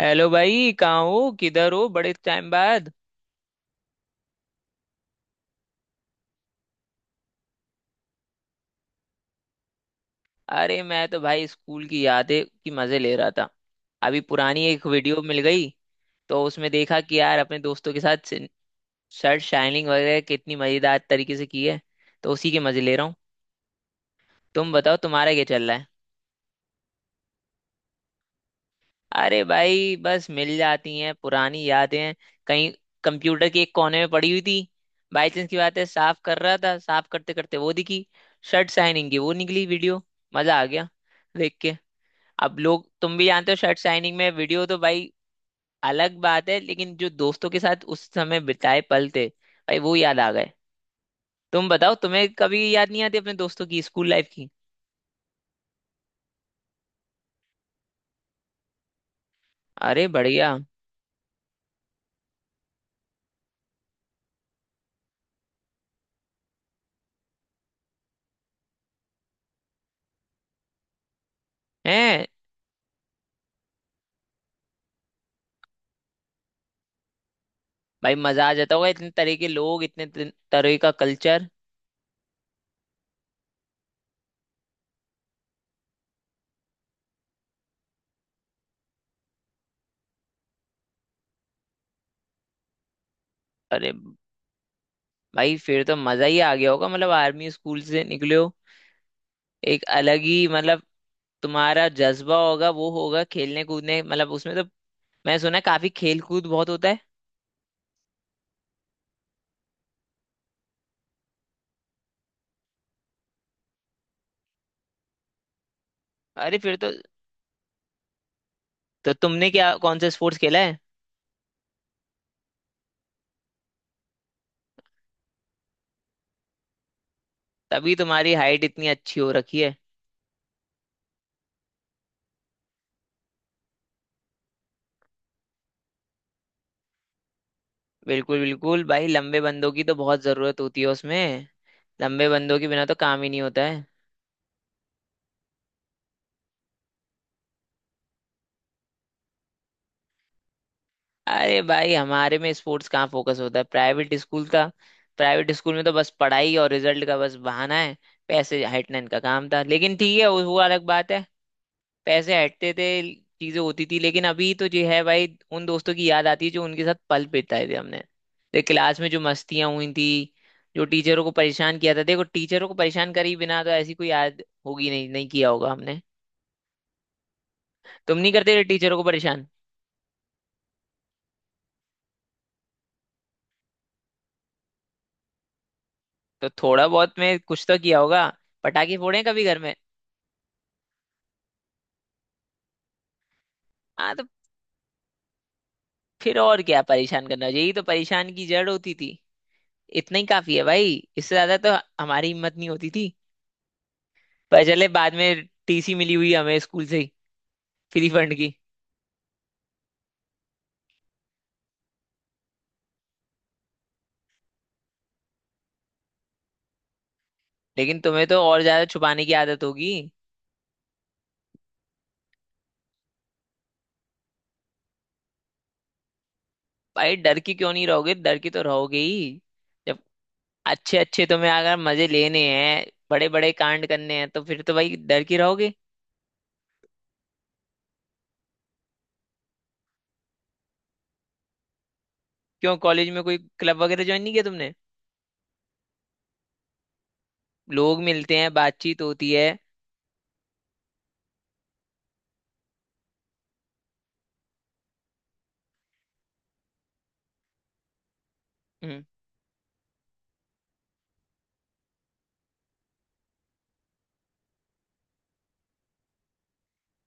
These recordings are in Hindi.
हेलो भाई कहाँ हो किधर हो, बड़े टाइम बाद। अरे मैं तो भाई स्कूल की यादें की मजे ले रहा था। अभी पुरानी एक वीडियो मिल गई। तो उसमें देखा कि यार अपने दोस्तों के साथ शर्ट शाइनिंग वगैरह कितनी मजेदार तरीके से की है। तो उसी के मजे ले रहा हूँ। तुम बताओ तुम्हारा क्या चल रहा है। अरे भाई बस मिल जाती हैं पुरानी यादें। कहीं कंप्यूटर के एक कोने में पड़ी हुई थी। बाई चांस की बात है, साफ कर रहा था, साफ करते करते वो दिखी। शर्ट साइनिंग की वो निकली वीडियो। मजा आ गया देख के। अब लोग तुम भी जानते हो, शर्ट साइनिंग में वीडियो तो भाई अलग बात है, लेकिन जो दोस्तों के साथ उस समय बिताए पल थे भाई वो याद आ गए। तुम बताओ, तुम्हें कभी याद नहीं आती अपने दोस्तों की, स्कूल लाइफ की? अरे बढ़िया है भाई, मजा आ जाता होगा इतने तरह के लोग, इतने तरह का कल्चर। अरे भाई फिर तो मजा ही आ गया होगा, मतलब आर्मी स्कूल से निकले हो। एक अलग ही मतलब तुम्हारा जज्बा होगा, वो होगा खेलने कूदने, मतलब उसमें तो। मैं सुना है काफी खेल कूद बहुत होता है। अरे फिर तो तुमने क्या कौन सा स्पोर्ट्स खेला है? तभी तुम्हारी हाइट इतनी अच्छी हो रखी है। बिल्कुल बिल्कुल भाई, लंबे बंदों की तो बहुत जरूरत होती है उसमें। लंबे बंदों के बिना तो काम ही नहीं होता है। अरे भाई हमारे में स्पोर्ट्स कहाँ फोकस होता है, प्राइवेट स्कूल का? प्राइवेट स्कूल में तो बस पढ़ाई और रिजल्ट का बस बहाना है। पैसे हटना इनका काम था, लेकिन ठीक है, वो अलग बात है। पैसे हटते थे, चीजें होती थी, लेकिन अभी तो जो है भाई, उन दोस्तों की याद आती है, जो उनके साथ पल बिताए थे हमने। देख क्लास में जो मस्तियां हुई थी, जो टीचरों को परेशान किया था, देखो टीचरों को परेशान करे बिना तो ऐसी कोई याद होगी नहीं, नहीं किया होगा हमने। तुम नहीं करते थे टीचरों को परेशान? तो थोड़ा बहुत में कुछ तो किया होगा। पटाखे फोड़े हैं कभी घर में? हाँ तो फिर और क्या परेशान करना, यही तो परेशान की जड़ होती थी। इतना ही काफी है भाई, इससे ज्यादा तो हमारी हिम्मत नहीं होती थी। पर चले बाद में टीसी मिली हुई हमें स्कूल से, फ्री फंड की। लेकिन तुम्हें तो और ज्यादा छुपाने की आदत होगी। भाई डर की क्यों नहीं रहोगे, डर की तो रहोगे ही जब अच्छे अच्छे तुम्हें अगर मजे लेने हैं, बड़े बड़े कांड करने हैं, तो फिर तो भाई डर के रहोगे। क्यों कॉलेज में कोई क्लब वगैरह ज्वाइन नहीं किया तुमने? लोग मिलते हैं, बातचीत होती है। हम्म।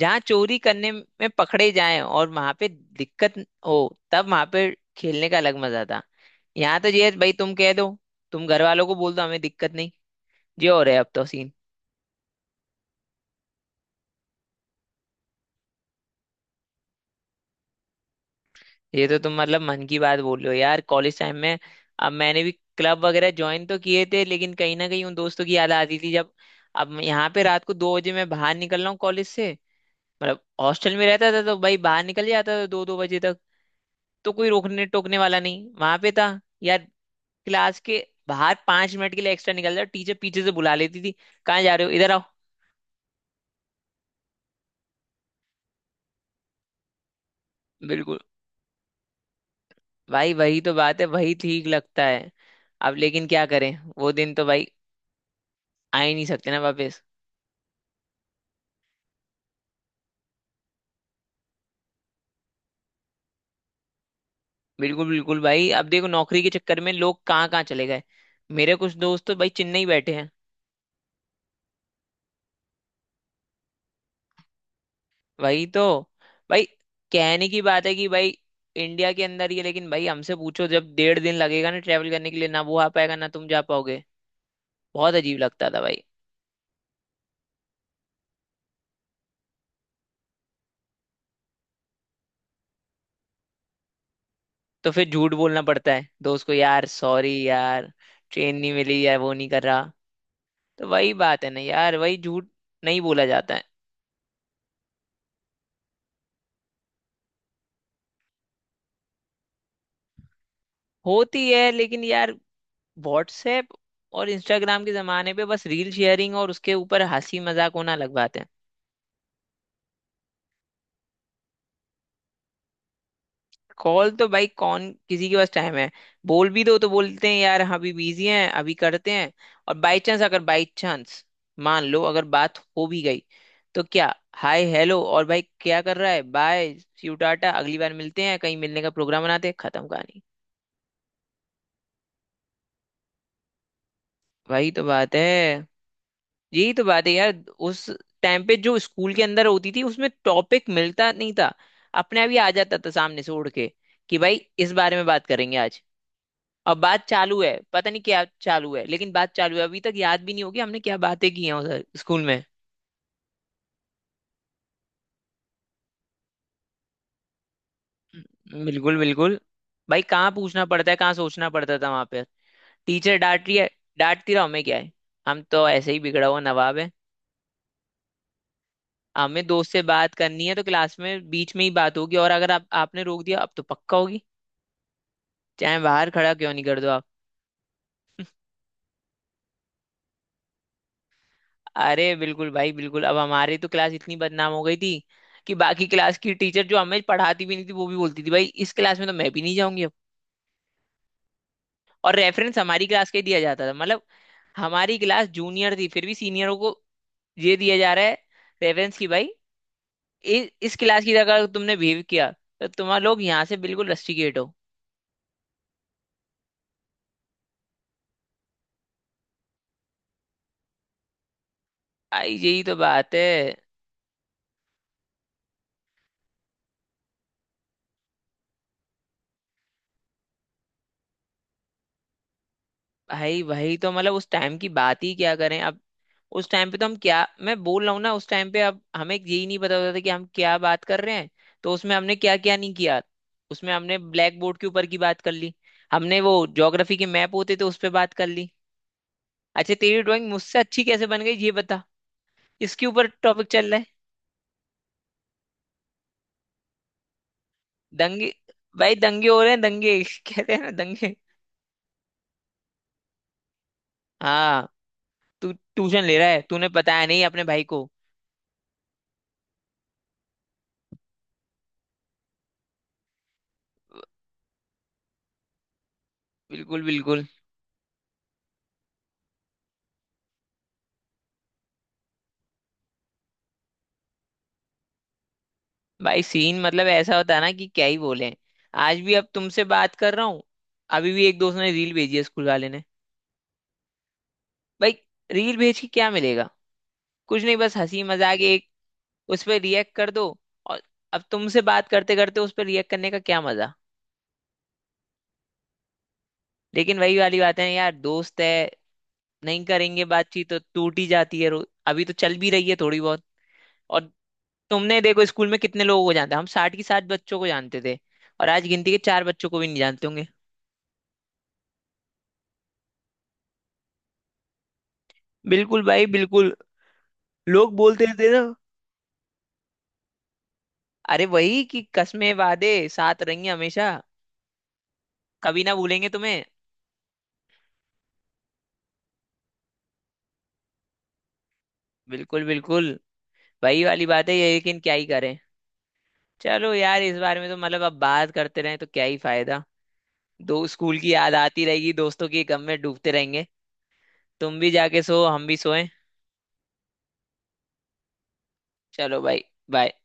जहाँ चोरी करने में पकड़े जाएं और वहां पे दिक्कत हो, तब वहां पे खेलने का अलग मजा था। यहाँ तो ये है, भाई तुम कह दो, तुम घर वालों को बोल दो, हमें दिक्कत नहीं। ये हो रहा है, अब तो सीन। ये तो तुम मतलब मन की बात बोल रहे हो यार, कॉलेज टाइम में। अब मैंने भी क्लब वगैरह ज्वाइन तो किए थे, लेकिन कहीं ना कहीं उन दोस्तों की याद आती थी। जब अब मैं यहाँ पे रात को 2 बजे मैं बाहर निकल रहा हूँ कॉलेज से, मतलब हॉस्टल में रहता था तो भाई बाहर निकल जाता था 2-2 बजे तक। तो कोई रोकने टोकने वाला नहीं वहां पे था यार। क्लास के बाहर 5 मिनट के लिए एक्स्ट्रा निकल जाओ, टीचर पीछे से बुला लेती थी, कहाँ जा रहे हो, इधर आओ। बिल्कुल भाई, वही तो बात है, वही ठीक लगता है। अब लेकिन क्या करें, वो दिन तो भाई आ ही नहीं सकते ना वापस। बिल्कुल बिल्कुल भाई, अब देखो नौकरी के चक्कर में लोग कहाँ कहाँ चले गए। मेरे कुछ दोस्त तो भाई चेन्नई बैठे हैं। वही तो भाई, कहने की बात है कि भाई इंडिया के अंदर ही है, लेकिन भाई हमसे पूछो, जब 1.5 दिन लगेगा ना ट्रेवल करने के लिए, ना वो आ पाएगा ना तुम जा पाओगे। बहुत अजीब लगता था भाई। तो फिर झूठ बोलना पड़ता है दोस्त को, यार सॉरी यार, ट्रेन नहीं मिली या वो नहीं कर रहा। तो वही बात है ना यार, वही झूठ नहीं बोला जाता है। होती है लेकिन यार, व्हाट्सएप और इंस्टाग्राम के जमाने पे बस रील शेयरिंग और उसके ऊपर हंसी मजाक होना अलग बात है। कॉल तो भाई कौन किसी के पास टाइम है। बोल भी दो तो बोलते हैं, यार हाँ अभी बिजी हैं, अभी करते हैं। और बाई चांस, अगर बाई चांस मान लो अगर बात हो भी गई, तो क्या, हाय हेलो और भाई क्या कर रहा है, बाय सी यू टाटा, अगली बार मिलते हैं, कहीं मिलने का प्रोग्राम बनाते हैं, खत्म कहानी। वही तो बात है। यही तो बात है यार, उस टाइम पे जो स्कूल के अंदर होती थी उसमें टॉपिक मिलता नहीं था, अपने आप ही आ जाता था सामने से उड़ के कि भाई इस बारे में बात करेंगे आज। अब बात चालू है, पता नहीं क्या चालू है, लेकिन बात चालू है। अभी तक याद भी नहीं होगी हमने क्या बातें की हैं उधर स्कूल में। बिल्कुल बिल्कुल भाई, कहाँ पूछना पड़ता है, कहाँ सोचना पड़ता था वहां पे। टीचर डांट रही है, डांटती रहो, हमें क्या है, हम तो ऐसे ही बिगड़ा हुआ नवाब है। हमें दोस्त से बात करनी है तो क्लास में बीच में ही बात होगी, और अगर आप, आपने रोक दिया अब तो पक्का होगी, चाहे बाहर खड़ा क्यों नहीं कर दो आप। अरे बिल्कुल भाई बिल्कुल, अब हमारी तो क्लास इतनी बदनाम हो गई थी कि बाकी क्लास की टीचर जो हमें पढ़ाती भी नहीं थी, वो भी बोलती थी भाई इस क्लास में तो मैं भी नहीं जाऊंगी। और रेफरेंस हमारी क्लास का ही दिया जाता था, मतलब हमारी क्लास जूनियर थी फिर भी सीनियरों को ये दिया जा रहा है रेफरेंस की भाई, इस क्लास की अगर तुमने बिहेव किया, तो तुम्हारे लोग यहाँ से बिल्कुल रस्टिकेट हो। आई यही तो बात है। भाई भाई तो मतलब उस टाइम की बात ही क्या करें अब। उस टाइम पे तो हम क्या, मैं बोल रहा हूँ ना, उस टाइम पे अब हमें यही नहीं पता होता था कि हम क्या बात कर रहे हैं। तो उसमें हमने क्या क्या नहीं किया। उसमें हमने ब्लैक बोर्ड के ऊपर की बात कर ली, हमने वो ज्योग्राफी के मैप होते थे उस पर बात कर ली, अच्छा तेरी ड्राइंग मुझसे अच्छी कैसे बन गई ये बता, इसके ऊपर टॉपिक चल रहा है। दंगे, भाई दंगे हो रहे हैं, दंगे कहते हैं ना, दंगे। हाँ, तू ट्यूशन ले रहा है, तूने बताया नहीं अपने भाई को। बिल्कुल बिल्कुल भाई, सीन मतलब ऐसा होता है ना कि क्या ही बोले। आज भी, अब तुमसे बात कर रहा हूँ, अभी भी एक दोस्त ने रील भेजी है स्कूल वाले ने। भाई रील भेज के क्या मिलेगा, कुछ नहीं, बस हंसी मजाक एक, उस पर रिएक्ट कर दो। और अब तुमसे बात करते करते उस पर रिएक्ट करने का क्या मजा। लेकिन वही वाली बात है ना यार, दोस्त है। नहीं करेंगे बातचीत तो टूट ही जाती है, अभी तो चल भी रही है थोड़ी बहुत। और तुमने देखो स्कूल में कितने लोगों को जानते, हम 60 की 60 बच्चों को जानते थे, और आज गिनती के चार बच्चों को भी नहीं जानते होंगे। बिल्कुल भाई बिल्कुल। लोग बोलते थे ना, अरे वही कि कस्में वादे साथ रहेंगे हमेशा, कभी ना भूलेंगे तुम्हें। बिल्कुल बिल्कुल, वही वाली बात है ये, लेकिन क्या ही करें। चलो यार, इस बारे में तो मतलब अब बात करते रहे तो क्या ही फायदा, दो स्कूल की याद आती रहेगी, दोस्तों की गम में डूबते रहेंगे। तुम भी जाके सो, हम भी सोए। चलो भाई, बाय।